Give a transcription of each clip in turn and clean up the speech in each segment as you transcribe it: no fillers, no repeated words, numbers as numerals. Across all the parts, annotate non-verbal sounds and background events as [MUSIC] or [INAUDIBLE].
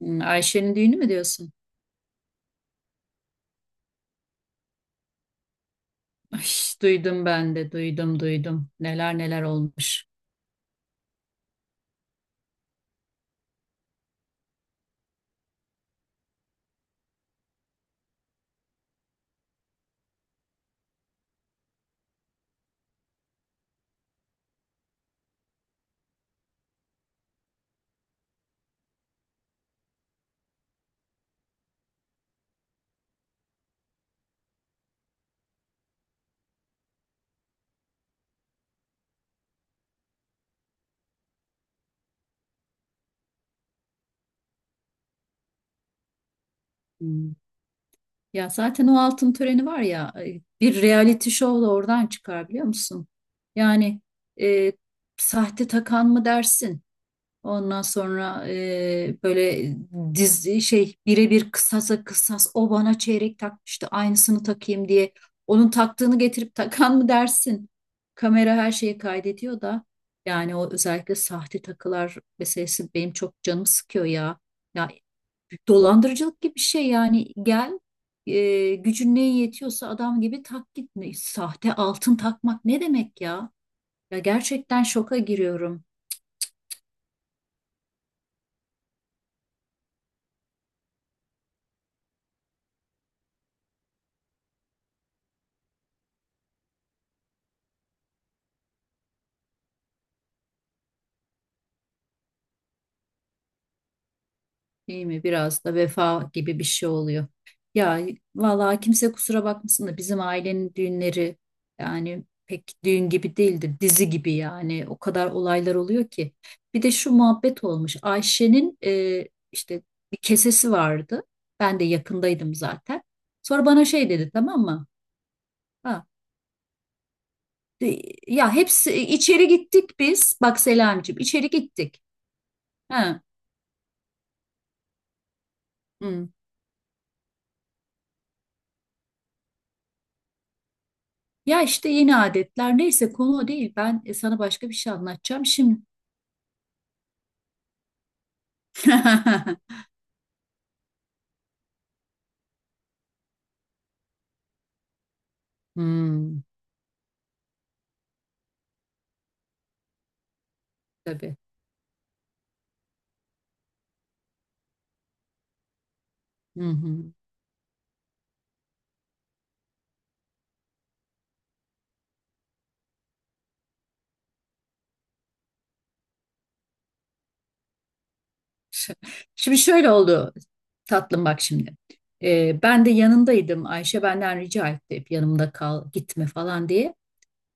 Hmm, Ayşe'nin düğünü mü diyorsun? Ay, duydum ben de, duydum, duydum. Neler neler olmuş. Hmm. Ya zaten o altın töreni var ya, ay, bir reality show da oradan çıkar biliyor musun? Yani e, sahte takan mı dersin? Ondan sonra böyle dizi şey birebir kısasa kısas o bana çeyrek takmıştı aynısını takayım diye. Onun taktığını getirip takan mı dersin? Kamera her şeyi kaydediyor da yani o özellikle sahte takılar meselesi benim çok canımı sıkıyor ya. Ya dolandırıcılık gibi bir şey yani gel gücün neye yetiyorsa adam gibi tak git. Ne- sahte altın takmak ne demek ya? Ya gerçekten şoka giriyorum. Değil mi? Biraz da vefa gibi bir şey oluyor. Ya vallahi kimse kusura bakmasın da bizim ailenin düğünleri yani pek düğün gibi değildir. Dizi gibi yani. O kadar olaylar oluyor ki. Bir de şu muhabbet olmuş. Ayşe'nin işte bir kesesi vardı. Ben de yakındaydım zaten. Sonra bana şey dedi, tamam mı? Ha, de- ya hepsi içeri gittik biz. Bak Selamicim, içeri gittik. Ha, hı. Ya işte yeni adetler, neyse konu o değil. Ben sana başka bir şey anlatacağım şimdi. [LAUGHS] Hmm. Tabii. Hı hı. Ş- Şimdi şöyle oldu tatlım, bak şimdi. Ben de yanındaydım. Ayşe benden rica etti hep yanımda kal gitme falan diye.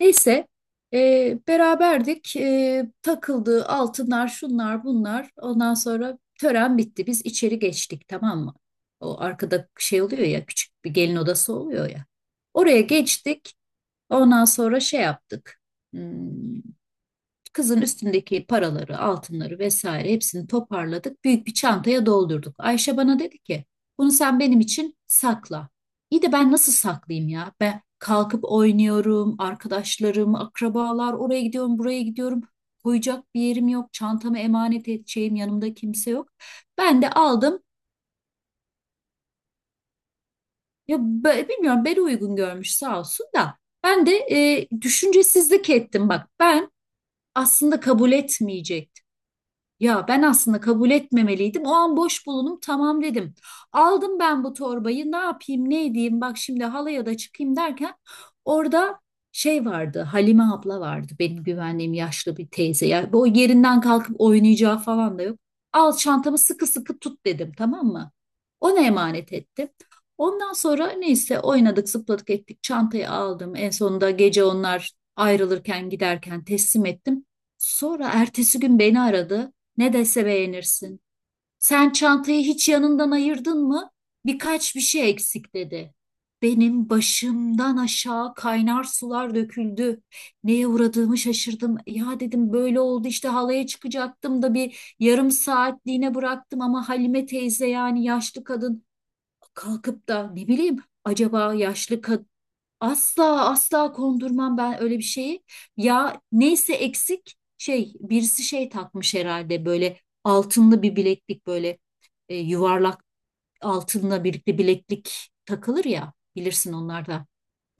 Neyse, beraberdik. Takıldı altınlar, şunlar bunlar. Ondan sonra tören bitti. Biz içeri geçtik, tamam mı? O arkada şey oluyor ya, küçük bir gelin odası oluyor ya. Oraya geçtik. Ondan sonra şey yaptık. Hmm, Kızın üstündeki paraları, altınları vesaire hepsini toparladık. Büyük bir çantaya doldurduk. Ayşe bana dedi ki, bunu sen benim için sakla. İyi de ben nasıl saklayayım ya? Ben kalkıp oynuyorum, arkadaşlarım, akrabalar, oraya gidiyorum, buraya gidiyorum. Koyacak bir yerim yok, çantamı emanet edeceğim, yanımda kimse yok. Ben de aldım. Ya bilmiyorum, beni uygun görmüş sağ olsun da. Ben de düşüncesizlik ettim bak. Ben aslında kabul etmeyecek. Ya ben aslında kabul etmemeliydim. O an boş bulundum. Tamam dedim. Aldım ben bu torbayı. Ne yapayım, ne edeyim? Bak şimdi halaya da çıkayım derken orada şey vardı. Halime abla vardı. Benim güvendiğim yaşlı bir teyze. Ya bu yerinden kalkıp oynayacağı falan da yok. Al çantamı sıkı sıkı tut dedim, tamam mı? Ona emanet ettim. Ondan sonra neyse oynadık, zıpladık ettik. Çantayı aldım. En sonunda gece onlar ayrılırken giderken teslim ettim. Sonra ertesi gün beni aradı. Ne dese beğenirsin. Sen çantayı hiç yanından ayırdın mı? Birkaç bir şey eksik dedi. Benim başımdan aşağı kaynar sular döküldü. Neye uğradığımı şaşırdım. Ya dedim böyle oldu işte, halaya çıkacaktım da bir yarım saatliğine bıraktım ama Halime teyze, yani yaşlı kadın, kalkıp da ne bileyim acaba yaşlı kad- asla asla kondurmam ben öyle bir şeyi. Ya neyse, eksik şey, birisi şey takmış herhalde, böyle altınlı bir bileklik, böyle yuvarlak altınla birlikte bileklik takılır ya, bilirsin onlarda.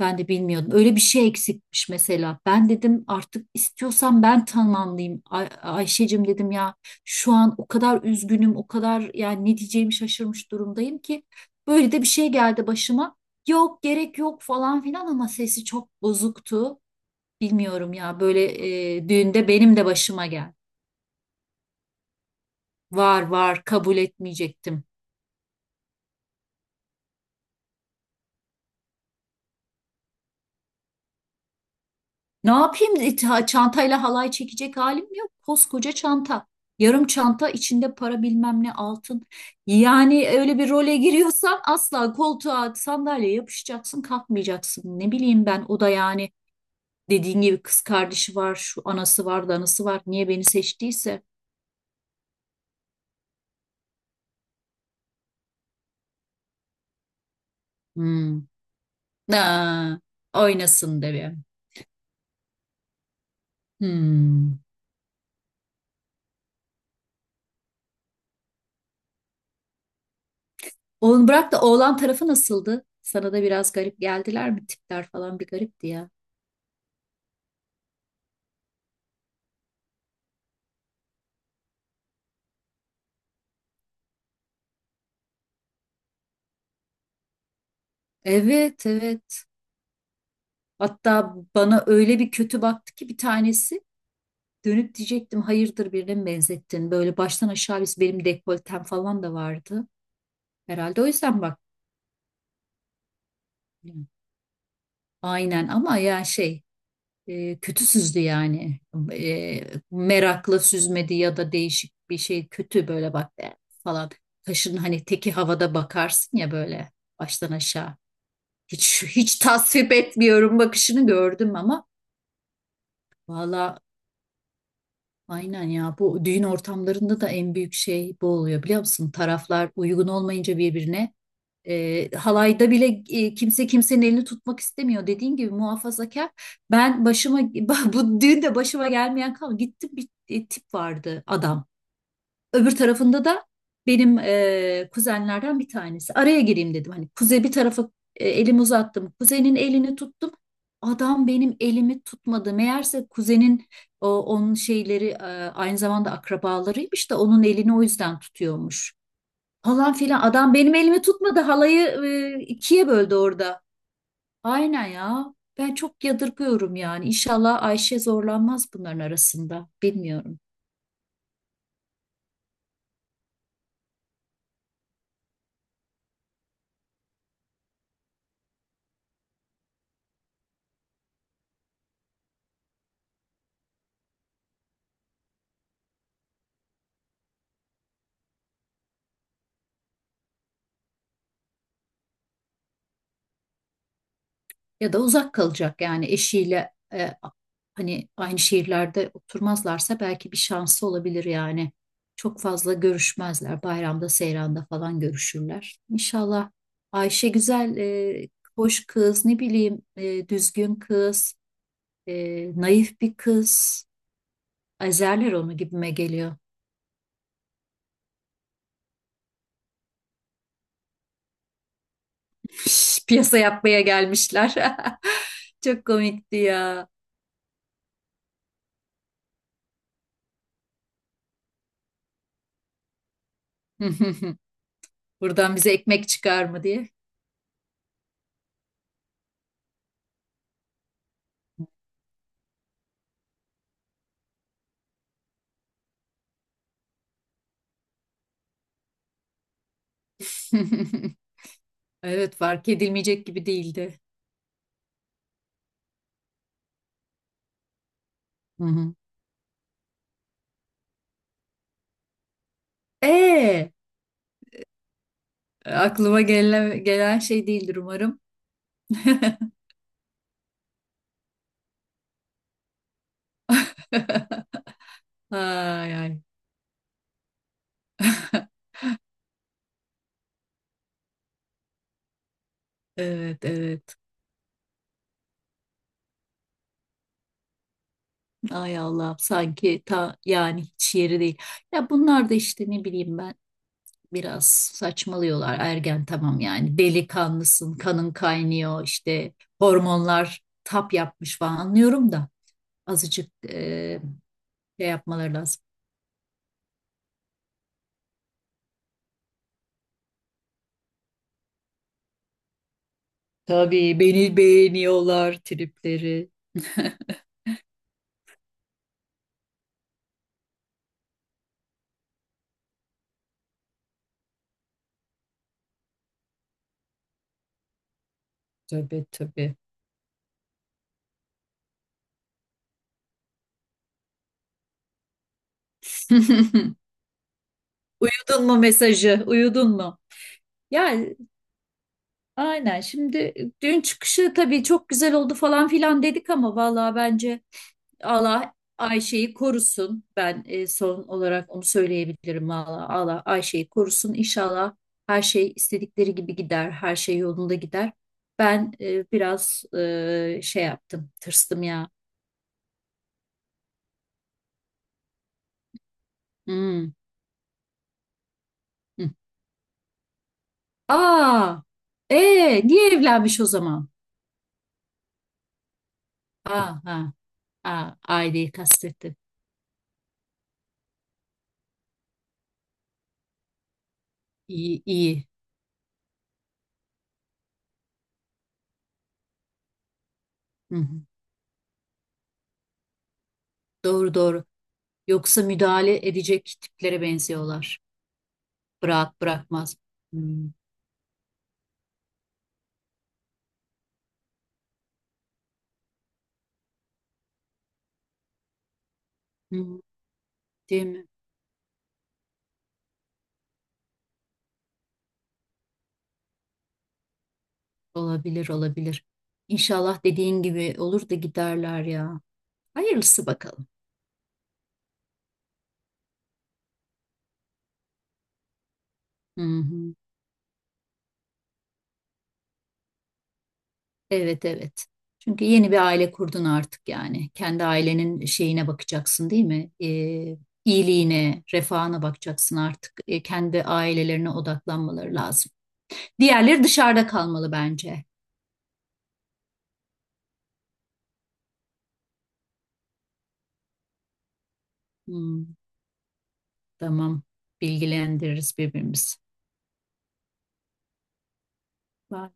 Ben de bilmiyordum. Öyle bir şey eksikmiş mesela. Ben dedim artık istiyorsan ben tamamlayayım. Ay Ayşe'cim dedim ya, şu an o kadar üzgünüm, o kadar, yani ne diyeceğimi şaşırmış durumdayım ki. Böyle de bir şey geldi başıma. Yok gerek yok falan filan ama sesi çok bozuktu. Bilmiyorum ya, böyle düğünde benim de başıma geldi. Var var, kabul etmeyecektim. Ne yapayım? E, çantayla halay çekecek halim yok. Koskoca çanta. Yarım çanta içinde para, bilmem ne, altın. Yani öyle bir role giriyorsan asla koltuğa sandalyeye yapışacaksın, kalkmayacaksın. Ne bileyim ben, o da yani dediğin gibi, kız kardeşi var, şu anası var, danası var. Niye beni seçtiyse. Hmm. Aa, oynasın de be. Hmm. Oğlum bırak, da oğlan tarafı nasıldı? Sana da biraz garip geldiler mi? Tipler falan bir garipti ya. Evet evet. Hatta bana öyle bir kötü baktı ki bir tanesi, dönüp diyecektim hayırdır, birine mi benzettin? Böyle baştan aşağı, biz benim dekoltem falan da vardı. Herhalde o yüzden bak. Aynen, ama ya şey, kötü süzdü yani. E, merakla süzmedi ya da değişik bir şey, kötü böyle bak, falan. Kaşın hani teki havada bakarsın ya, böyle baştan aşağı. Hiç hiç tasvip etmiyorum bakışını gördüm ama valla, aynen ya, bu düğün ortamlarında da en büyük şey bu oluyor biliyor musun? Taraflar uygun olmayınca birbirine, halayda bile, kimse kimsenin elini tutmak istemiyor. Dediğin gibi muhafazakar. Ben başıma [LAUGHS] bu düğünde başıma gelmeyen kalmadı. Gittim, bir tip vardı adam. Öbür tarafında da benim kuzenlerden bir tanesi. Araya gireyim dedim. Hani kuzey bir tarafa elimi uzattım. Kuzenin elini tuttum. Adam benim elimi tutmadı. Meğerse kuzenin onun şeyleri, aynı zamanda akrabalarıymış da onun elini o yüzden tutuyormuş. Falan filan. Adam benim elimi tutmadı. Halayı ikiye böldü orada. Aynen ya. Ben çok yadırgıyorum yani. İnşallah Ayşe zorlanmaz bunların arasında. Bilmiyorum. Ya da uzak kalacak yani eşiyle, hani aynı şehirlerde oturmazlarsa belki bir şansı olabilir yani. Çok fazla görüşmezler. Bayramda, seyranda falan görüşürler. İnşallah Ayşe güzel, hoş kız, ne bileyim, düzgün kız, e, naif bir kız. Ezerler onu gibime geliyor. [LAUGHS] Piyasa yapmaya gelmişler. [LAUGHS] Çok komikti ya. [LAUGHS] Buradan bize ekmek çıkar mı diye. [LAUGHS] Evet, fark edilmeyecek gibi değildi. Hı hı. E aklıma gelen şey değildir umarım. [LAUGHS] Ay ay. Evet evet. Ay Allah'ım, sanki ta yani hiç yeri değil. Ya bunlar da işte ne bileyim ben biraz saçmalıyorlar. Ergen tamam, yani delikanlısın, kanın kaynıyor işte, hormonlar tap yapmış falan, anlıyorum da azıcık şey yapmaları lazım. Tabii beni beğeniyorlar tripleri. [LAUGHS] Tabii tabii. [LAUGHS] Uyudun mu mesajı? Uyudun mu? Ya aynen, şimdi dün çıkışı tabii çok güzel oldu falan filan dedik ama vallahi bence Allah Ayşe'yi korusun. Ben son olarak onu söyleyebilirim valla. Allah Ayşe'yi korusun. İnşallah her şey istedikleri gibi gider. Her şey yolunda gider. Ben biraz şey yaptım. Tırstım ya. Hmm. Aa, niye evlenmiş o zaman? Ha ha, ha, aileyi kastetti. İyi, iyi. Hı hı. Doğru doğru. Yoksa müdahale edecek tiplere benziyorlar. Bırak, bırakmaz. Hmm, hı, değil mi? Olabilir olabilir. İnşallah dediğin gibi olur da giderler ya. Hayırlısı bakalım. Hı hı. Evet evet. Çünkü yeni bir aile kurdun artık yani. Kendi ailenin şeyine bakacaksın değil mi? İyiliğine, refahına bakacaksın artık. Kendi ailelerine odaklanmaları lazım. Diğerleri dışarıda kalmalı bence. Hmm, tamam. Bilgilendiririz birbirimizi. Bye.